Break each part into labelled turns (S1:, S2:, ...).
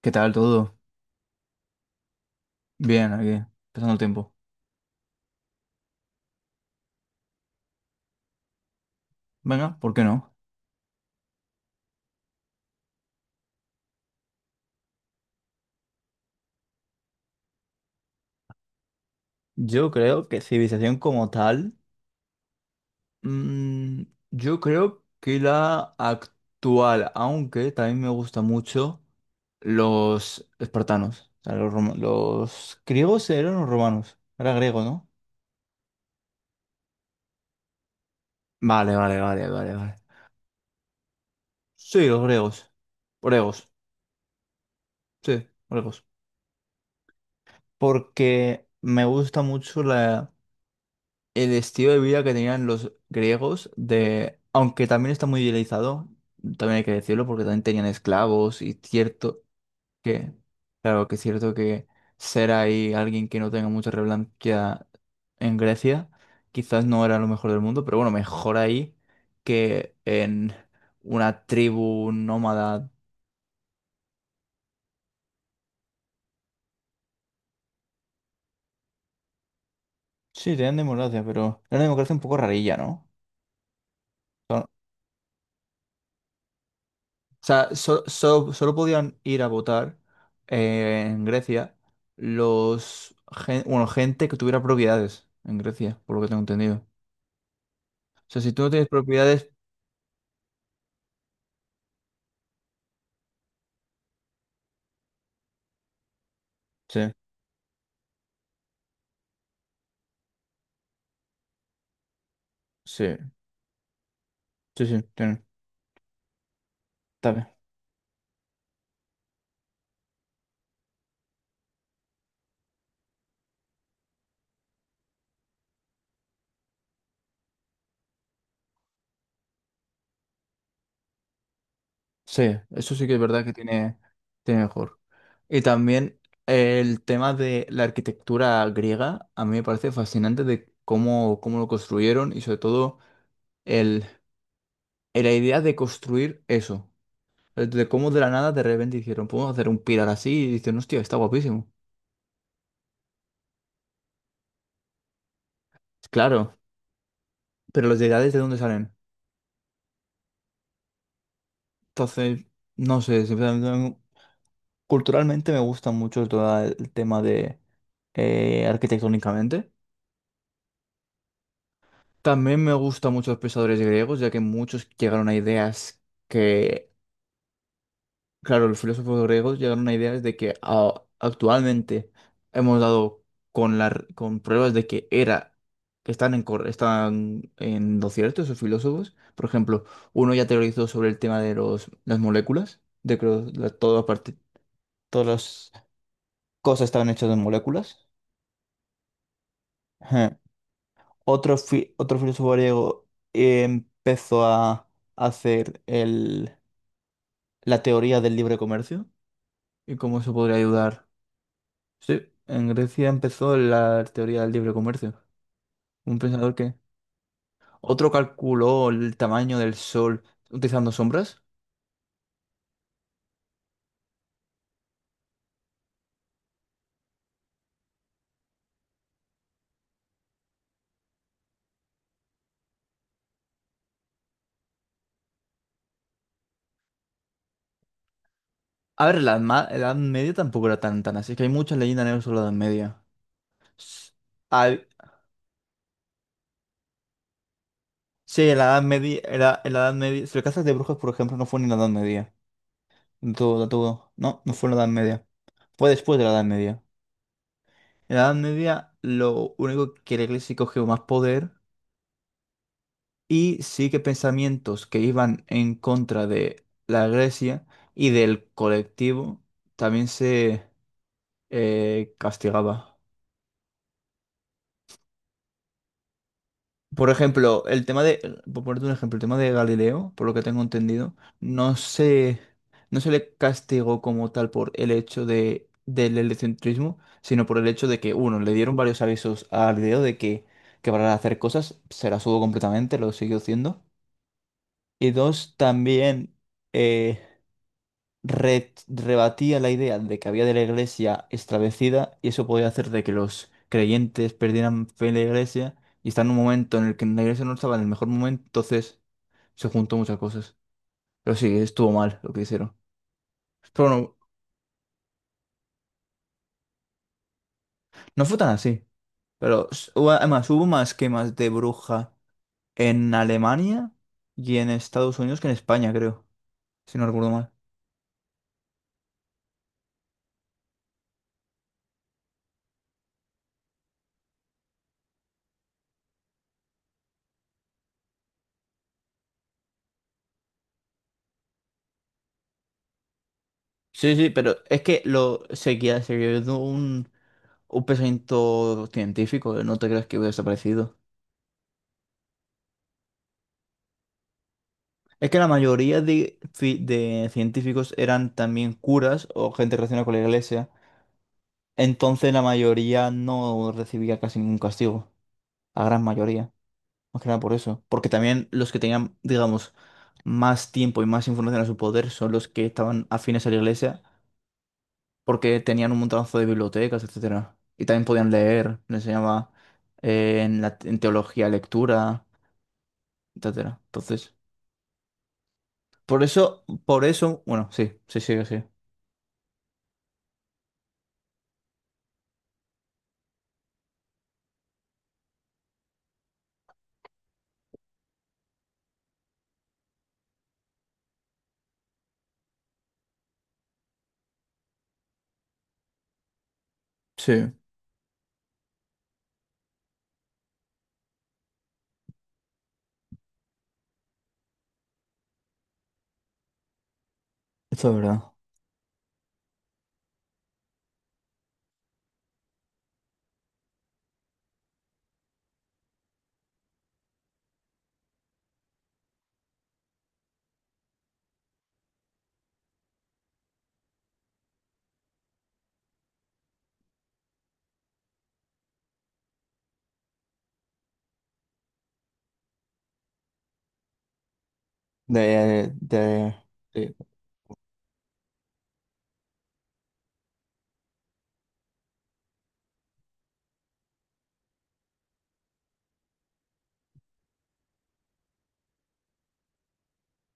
S1: ¿Qué tal todo? Bien, aquí, pasando el tiempo. Venga, ¿por qué no? Yo creo que civilización como tal, mm, yo creo que la actual, aunque también me gusta mucho los espartanos, o sea, los, los griegos eran los romanos, era griego, ¿no? Vale, vale, vale, vale, vale. Sí, los griegos, griegos, sí, griegos, porque me gusta mucho la el estilo de vida que tenían los griegos de, aunque también está muy idealizado, también hay que decirlo, porque también tenían esclavos y cierto que, claro que es cierto que ser ahí alguien que no tenga mucha relevancia en Grecia, quizás no era lo mejor del mundo, pero bueno, mejor ahí que en una tribu nómada. Sí, tenían democracia, pero era una democracia un poco rarilla, ¿no? O sea, solo podían ir a votar en Grecia los bueno, gente que tuviera propiedades en Grecia, por lo que tengo entendido. O sea, si tú no tienes propiedades. Sí, sí, sí, sí, está bien. Sí, eso sí que es verdad que tiene, tiene mejor. Y también el tema de la arquitectura griega, a mí me parece fascinante de cómo, cómo lo construyeron y sobre todo el, la idea de construir eso. De cómo de la nada de repente dijeron, podemos hacer un pilar así, y dicen, hostia, está guapísimo. Claro, pero los deidades de dónde salen. Entonces, no sé, simplemente, culturalmente me gusta mucho todo el tema de arquitectónicamente. También me gustan mucho los pensadores griegos, ya que muchos llegaron a ideas que claro, los filósofos griegos llegaron a ideas de que actualmente hemos dado con, con pruebas de que era, que están en, están en lo cierto esos filósofos. Por ejemplo, uno ya teorizó sobre el tema de los, las moléculas, de que toda todas las cosas estaban hechas de moléculas. Ajá. Otro, otro filósofo griego empezó a hacer el, la teoría del libre comercio y cómo eso podría ayudar. Sí, en Grecia empezó la teoría del libre comercio. Un pensador que... Otro calculó el tamaño del sol utilizando sombras. A ver, la Edad Media tampoco era tan tan así. Es que hay muchas leyendas negras sobre la Edad Media. S- hay- Sí, en la Edad Media, era, en la Edad Media, si lo cazas de brujas, por ejemplo, no fue ni en la Edad Media. Todo, todo. No, no fue en la Edad Media. Fue después de la Edad Media. En la Edad Media, lo único que la iglesia cogió más poder y sí que pensamientos que iban en contra de la iglesia y del colectivo también se castigaba. Por ejemplo, el tema de, por ponerte un ejemplo, el tema de Galileo, por lo que tengo entendido, no se, no se le castigó como tal por el hecho de, del heliocentrismo, sino por el hecho de que, uno, le dieron varios avisos a Galileo de que para hacer cosas se las hubo completamente, lo siguió haciendo. Y dos, también eh, re- rebatía la idea de que había de la iglesia establecida y eso podía hacer de que los creyentes perdieran fe en la iglesia y está en un momento en el que la iglesia no estaba en el mejor momento, entonces se juntó muchas cosas. Pero sí, estuvo mal lo que hicieron. Pero no, no fue tan así. Además hubo más quemas de bruja en Alemania y en Estados Unidos que en España, creo, si no recuerdo mal. Sí, sí, pero es que lo seguía, seguía siendo un pensamiento científico, ¿eh? No te creas que hubiera desaparecido. Es que la mayoría de, de científicos eran también curas o gente relacionada con la iglesia, entonces la mayoría no recibía casi ningún castigo, la gran mayoría, más que nada por eso, porque también los que tenían, digamos, más tiempo y más información a su poder son los que estaban afines a la iglesia porque tenían un montonazo de bibliotecas, etcétera. Y también podían leer, les enseñaba en la, en teología lectura, etcétera. Entonces, por eso, bueno, sí, sí, sí, sí. Sí, esto es verdad. De, sí.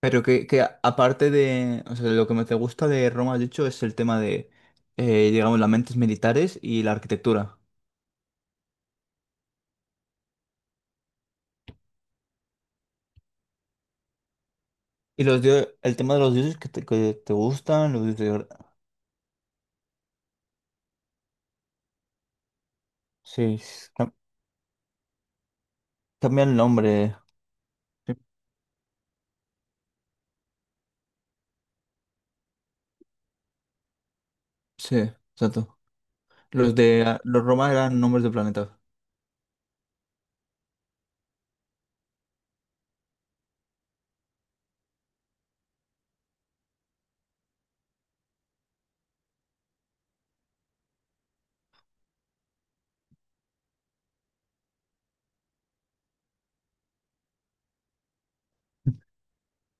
S1: Pero que aparte de, o sea, lo que me te gusta de Roma, has dicho, es el tema de, digamos, las mentes militares y la arquitectura. Y los dios, el tema de los dioses que te gustan, los dioses... Sí, cambia el nombre. Sí, exacto. Los de ah, los romanos eran nombres de planetas.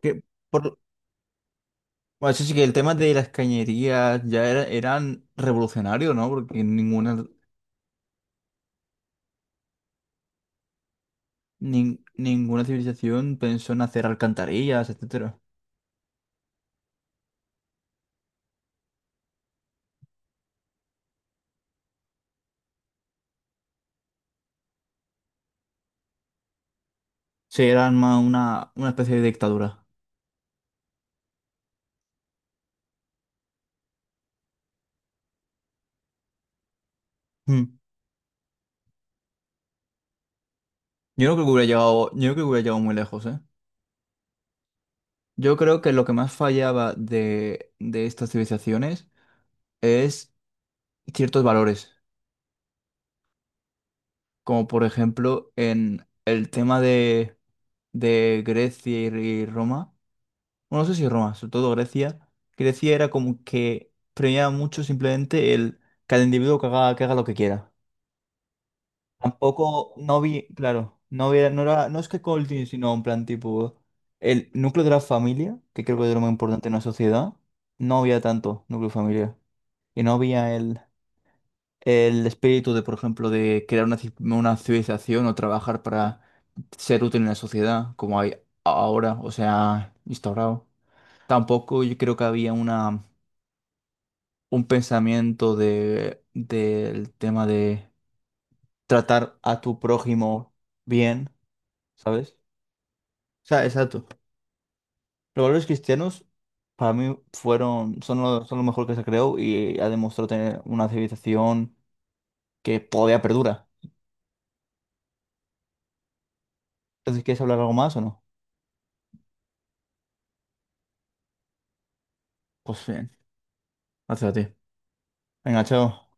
S1: Que por bueno, eso sí que el tema de las cañerías ya era, eran revolucionarios, ¿no? Porque ninguna ninguna civilización pensó en hacer alcantarillas, etcétera. Sí, eran más una especie de dictadura. Mm. Yo no creo que hubiera llegado, yo no creo que hubiera llegado muy lejos, ¿eh? Yo creo que lo que más fallaba de estas civilizaciones es ciertos valores. Como por ejemplo en el tema de Grecia y Roma. Bueno, no sé si Roma, sobre todo Grecia. Grecia era como que premiaba mucho simplemente el que el individuo que haga lo que quiera. Tampoco, no vi, claro, no había, no era, no es que Colting, sino en plan tipo el núcleo de la familia, que creo que es lo más importante en una sociedad, no había tanto núcleo familiar. Y no había el espíritu de, por ejemplo, de crear una, una civilización o trabajar para ser útil en la sociedad, como hay ahora, o sea, instaurado. Tampoco yo creo que había una, un pensamiento de, del tema de tratar a tu prójimo bien, ¿sabes? O sea, exacto. Los valores cristianos para mí fueron, son lo mejor que se creó y ha demostrado tener una civilización que todavía perdura. Entonces, ¿quieres hablar algo más o no? Pues bien, hacia ti. Venga, chao.